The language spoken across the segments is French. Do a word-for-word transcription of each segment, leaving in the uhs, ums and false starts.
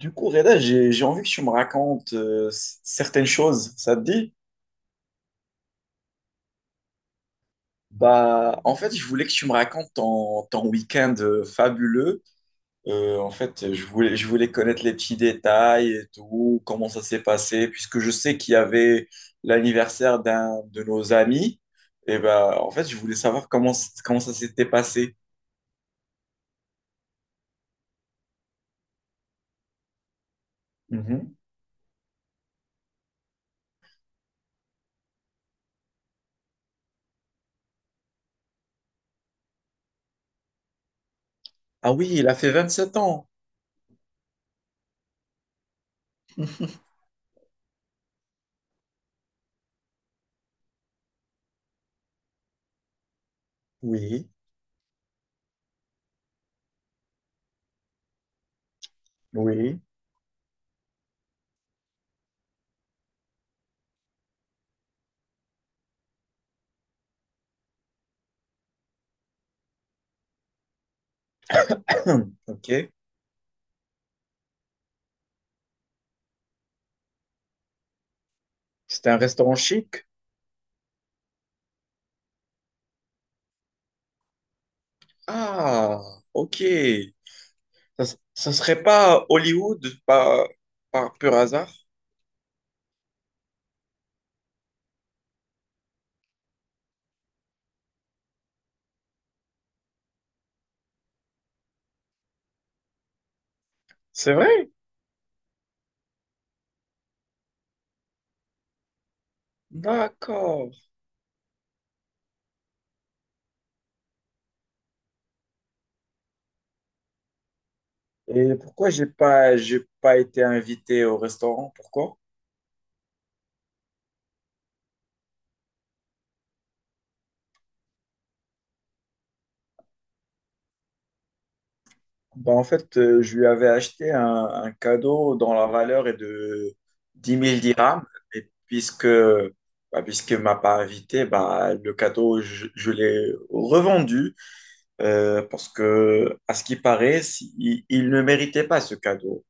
Du coup, Reda, j'ai, j'ai envie que tu me racontes euh, c- certaines choses, ça te dit? Bah, en fait, je voulais que tu me racontes ton, ton week-end euh, fabuleux. Euh, en fait, je voulais, je voulais connaître les petits détails et tout, comment ça s'est passé, puisque je sais qu'il y avait l'anniversaire d'un de nos amis. Et bah, en fait, je voulais savoir comment, c- comment ça s'était passé. Mhm. Ah oui, il a fait vingt-sept ans. Oui, oui. Ok. C'était un restaurant chic? Ah, ok. Ça, s- ça serait pas Hollywood par, par pur hasard? C'est vrai? D'accord. Et pourquoi j'ai pas, j'ai pas été invité au restaurant? Pourquoi? Bah en fait, euh, je lui avais acheté un, un cadeau dont la valeur est de dix mille dirhams. Et puisque, bah, puisqu'il ne m'a pas invité, bah, le cadeau, je, je l'ai revendu euh, parce que, à ce qui paraît, si- il, il ne méritait pas ce cadeau.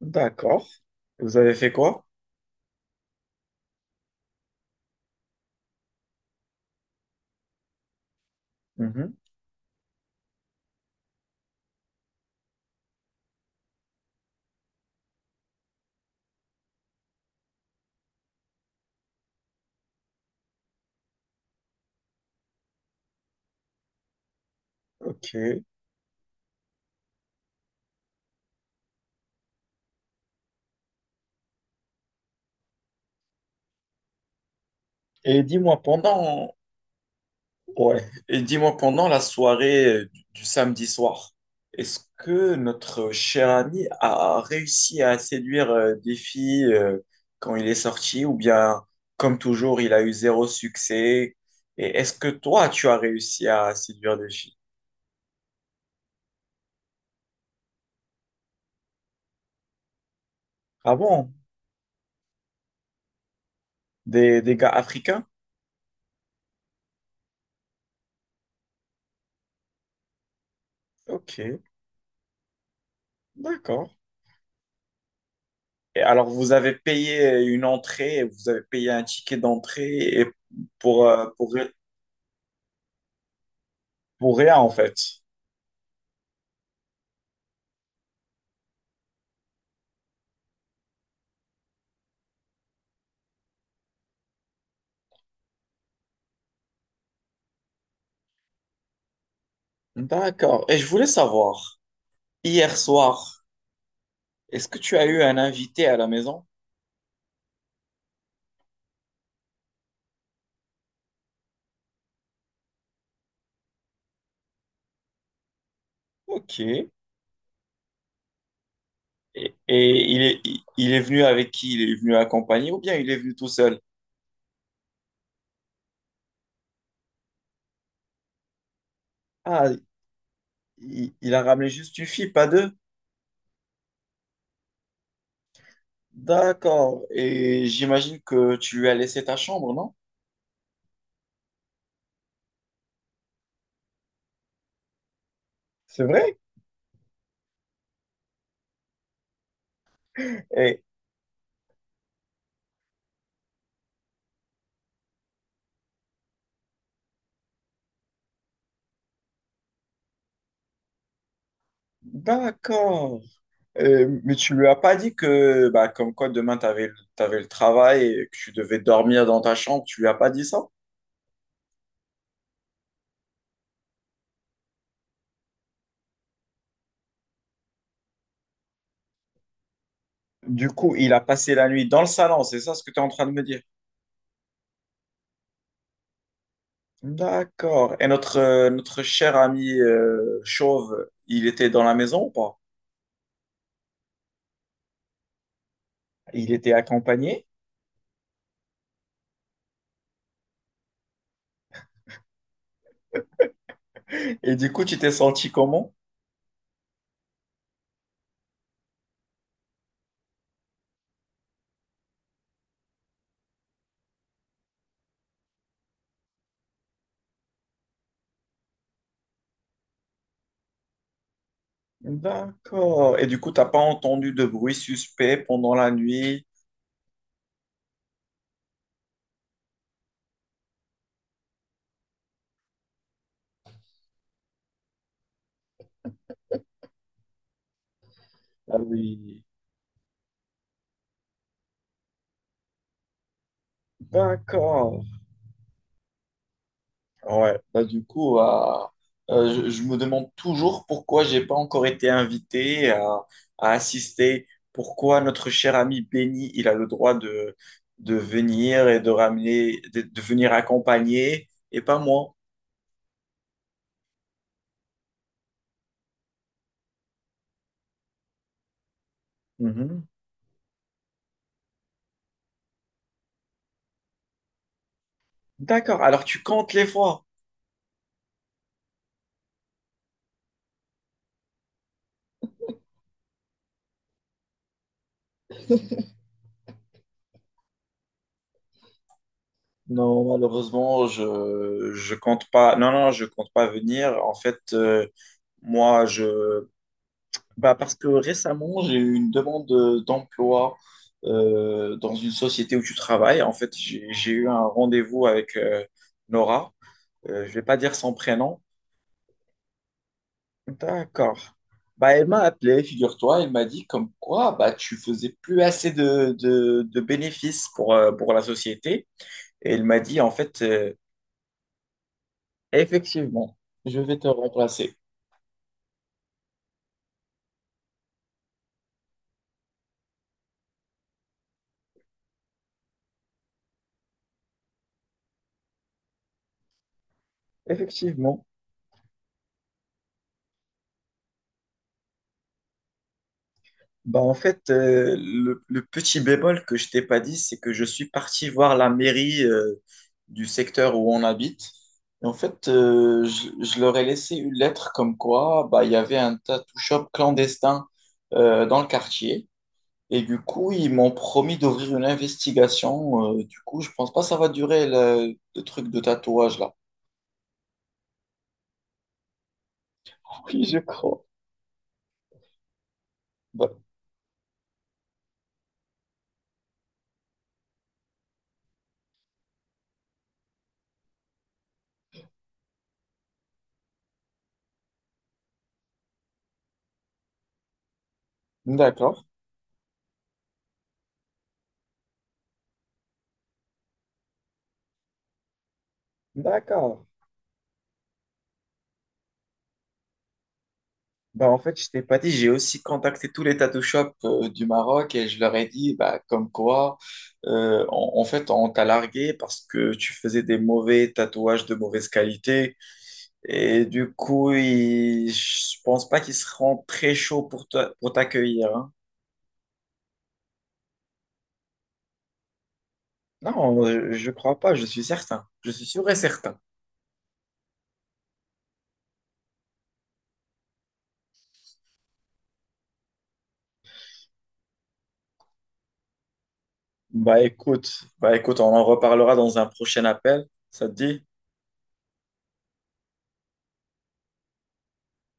D'accord. Vous avez fait quoi? Ok. Et dis-moi pendant, ouais. Et dis-moi pendant la soirée euh, du, du samedi soir, est-ce que notre cher ami a réussi à séduire euh, des filles euh, quand il est sorti ou bien, comme toujours, il a eu zéro succès? Et est-ce que toi, tu as réussi à séduire des filles? Ah bon? Des, des gars africains? Ok, d'accord. Et alors, vous avez payé euh, une entrée, vous avez payé un ticket d'entrée et pour, euh, pour pour rien, en fait. D'accord. Et je voulais savoir, hier soir, est-ce que tu as eu un invité à la maison? Ok. Et, et il est, il, il est venu avec qui? Il est venu accompagné ou bien il est venu tout seul? Ah, il, il a ramené juste une fille, pas deux. D'accord. Et j'imagine que tu lui as laissé ta chambre, non? C'est vrai? Et, d'accord. Euh, mais tu lui as pas dit que, bah, comme quoi demain, tu avais, le t'avais le travail et que tu devais dormir dans ta chambre. Tu lui as pas dit ça? Du coup, il a passé la nuit dans le salon, c'est ça ce que tu es en train de me dire? D'accord. Et notre, euh, notre cher ami euh, Chauve, il était dans la maison ou pas? Il était accompagné. Et du coup, tu t'es senti comment? D'accord. Et du coup, t'as pas entendu de bruit suspect pendant la nuit? Ah oui. D'accord. Ouais, bah du coup, euh, euh, je, je me demande toujours pourquoi j'ai pas encore été invité à, à assister, pourquoi notre cher ami Benny, il a le droit de, de venir et de ramener, de, de venir accompagner et pas moi. Mhm. D'accord, alors tu comptes les fois. Non, malheureusement, je, je compte pas. Non, non, je compte pas venir. En fait, euh, moi, je, bah parce que récemment, j'ai eu une demande euh, d'emploi euh, dans une société où tu travailles. En fait, j'ai j'ai eu un rendez-vous avec euh, Nora. Euh, je vais pas dire son prénom. D'accord. Bah, elle m'a appelé, figure-toi. Elle m'a dit comme quoi bah, tu faisais plus assez de, de, de bénéfices pour, euh, pour la société. Et elle m'a dit en fait, euh, effectivement, je vais te remplacer. Effectivement. Bah en fait, euh, le, le petit bémol que je t'ai pas dit, c'est que je suis parti voir la mairie euh, du secteur où on habite. Et en fait, euh, je, je leur ai laissé une lettre comme quoi bah, il y avait un tattoo shop clandestin euh, dans le quartier. Et du coup, ils m'ont promis d'ouvrir une investigation. Euh, du coup, je pense pas que ça va durer le, le truc de tatouage là. Oui, je crois. Bah, d'accord. D'accord. Bah, en fait, je t'ai pas dit, j'ai aussi contacté tous les tattoo shops euh, du Maroc et je leur ai dit, bah, comme quoi, euh, en, en fait, on t'a largué parce que tu faisais des mauvais tatouages de mauvaise qualité. Et du coup, ils- je pense pas qu'ils seront très chauds pour toi- pour t'accueillir, hein. Non, je, je crois pas, je suis certain. Je suis sûr et certain. Bah écoute, bah écoute, on en reparlera dans un prochain appel. Ça te dit?